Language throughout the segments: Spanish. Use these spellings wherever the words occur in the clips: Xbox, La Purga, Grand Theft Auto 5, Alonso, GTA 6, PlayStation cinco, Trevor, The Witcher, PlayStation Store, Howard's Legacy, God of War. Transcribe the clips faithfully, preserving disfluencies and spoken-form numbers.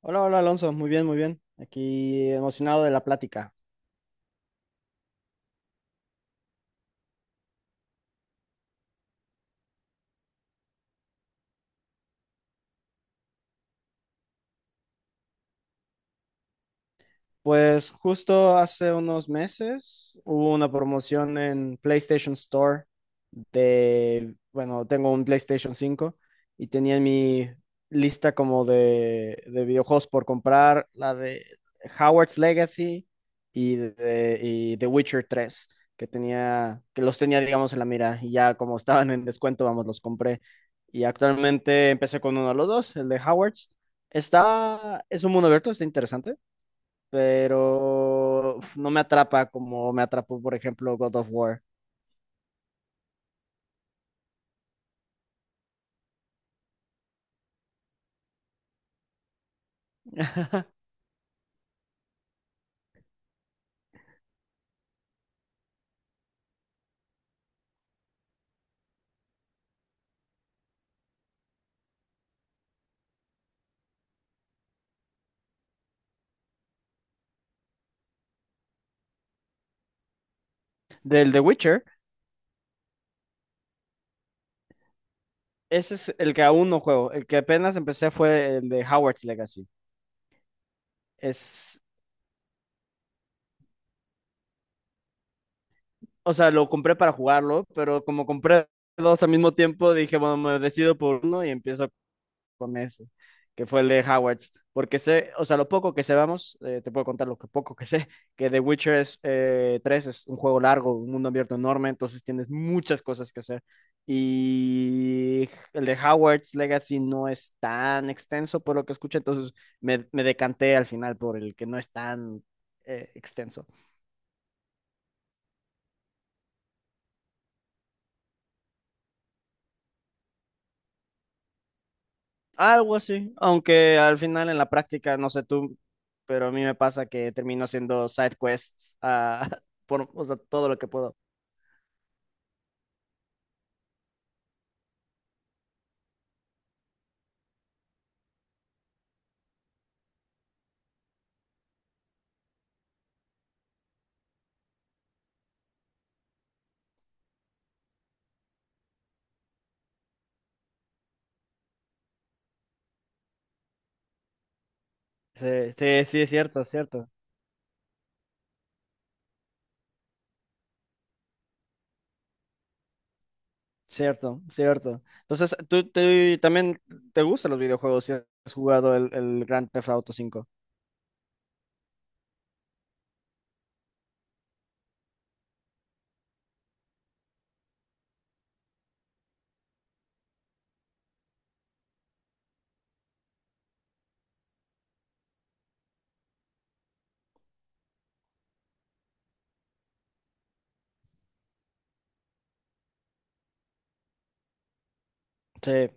Hola, hola Alonso, muy bien, muy bien. Aquí emocionado de la plática. Pues justo hace unos meses hubo una promoción en PlayStation Store de, bueno, tengo un PlayStation cinco y tenía en mi lista como de, de videojuegos por comprar la de Howard's Legacy y, de, y The Witcher tres que tenía, que los tenía, digamos, en la mira y ya como estaban en descuento, vamos, los compré. Y actualmente empecé con uno de los dos, el de Howard's. Está, es un mundo abierto, está interesante, pero no me atrapa como me atrapó, por ejemplo, God of War. Del The Witcher, ese es el que aún no juego. El que apenas empecé fue el de Howard's Legacy. Es, o sea, lo compré para jugarlo, pero como compré dos al mismo tiempo, dije, bueno, me decido por uno y empiezo con ese, que fue el de Howards. Porque sé, o sea, lo poco que sabemos, eh, te puedo contar lo que poco que sé, que The Witcher es, eh, tres es un juego largo, un mundo abierto enorme, entonces tienes muchas cosas que hacer. Y el de Howard's Legacy no es tan extenso por lo que escuché, entonces me, me decanté al final por el que no es tan eh, extenso. Algo así, aunque al final en la práctica, no sé tú, pero a mí me pasa que termino haciendo side quests, ah, por, o sea, todo lo que puedo. Sí, sí, sí, es cierto, es cierto, cierto, cierto. Entonces, ¿tú, tú también te gustan los videojuegos, si has jugado el, el Grand Theft Auto cinco? Sí,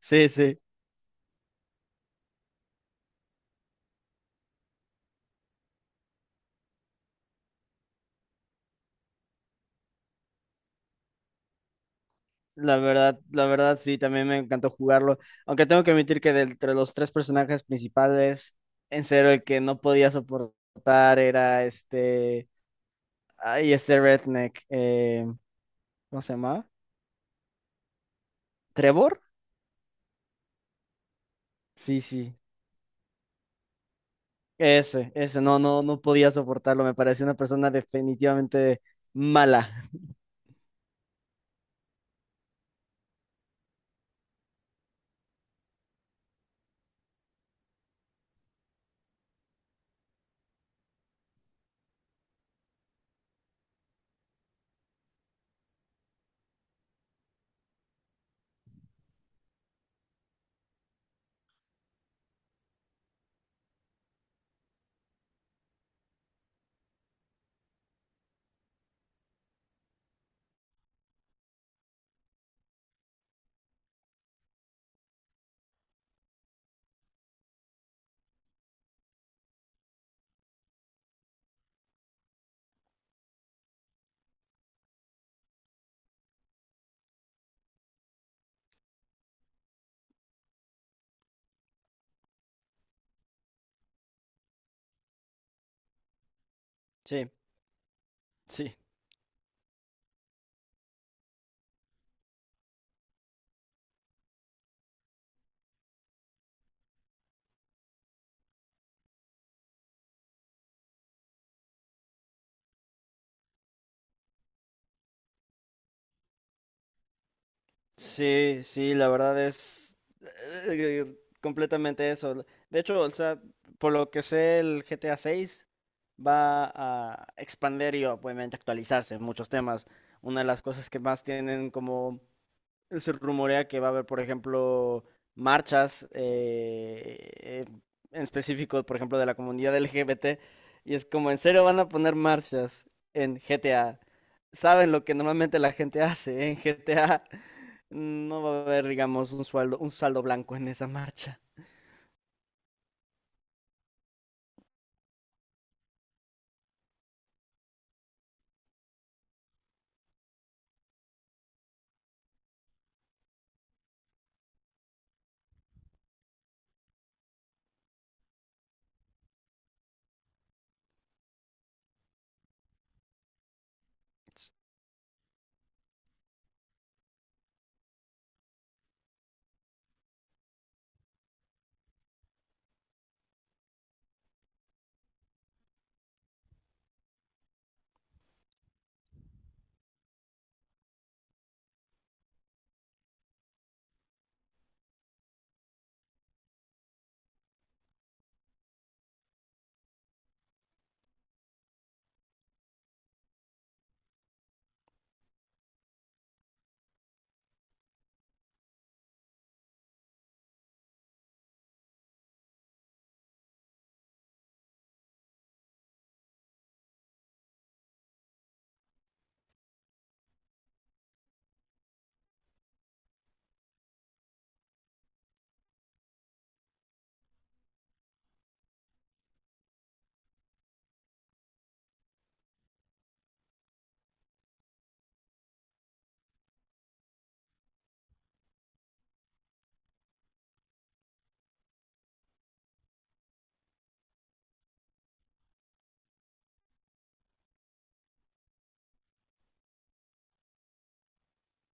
sí, sí. La verdad, la verdad, sí, también me encantó jugarlo. Aunque tengo que admitir que, de entre los tres personajes principales, en serio, el que no podía soportar era este, ay, este redneck, eh, ¿cómo se llama? ¿Trevor? Sí, sí. Ese, ese, no, no, no podía soportarlo. Me parecía una persona definitivamente mala. Sí, sí, sí, sí, la verdad es eh, completamente eso. De hecho, o sea, por lo que sé, el G T A seis va a expandir y obviamente actualizarse en muchos temas. Una de las cosas que más tienen, como se rumorea que va a haber, por ejemplo, marchas eh, en específico, por ejemplo, de la comunidad L G B T. Y es como, en serio, ¿van a poner marchas en G T A? Saben lo que normalmente la gente hace, ¿eh?, en G T A. No va a haber, digamos, un sueldo, un saldo blanco en esa marcha.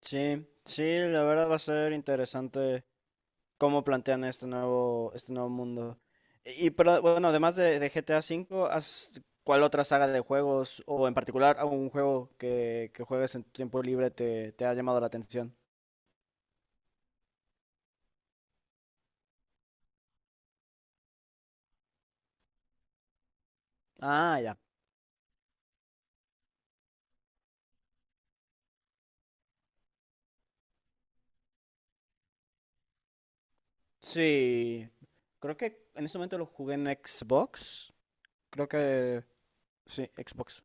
Sí, sí, la verdad va a ser interesante cómo plantean este nuevo, este nuevo mundo. Y, pero bueno, además de, de G T A cinco. ¿Has- ¿cuál otra saga de juegos, o en particular algún juego que, que juegues en tu tiempo libre, te, te ha llamado la atención? Ah, ya. Sí. Creo que en ese momento lo jugué en Xbox. Creo que sí, Xbox.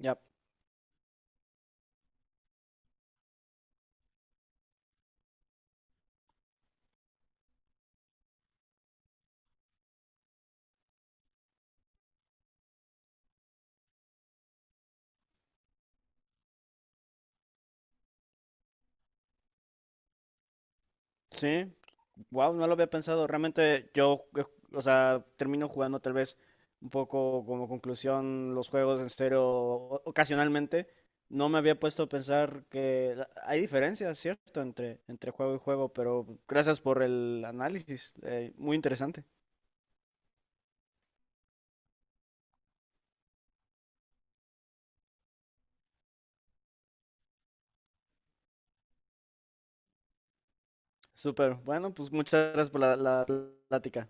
Ya. Sí. Wow, no lo había pensado. Realmente yo, eh, o sea, termino jugando tal vez un poco, como conclusión, los juegos en cero o- ocasionalmente. No me había puesto a pensar que la- hay diferencias, ¿cierto? Entre, entre juego y juego, pero gracias por el análisis. eh, muy interesante. Súper. Bueno, pues muchas gracias por la, la plática.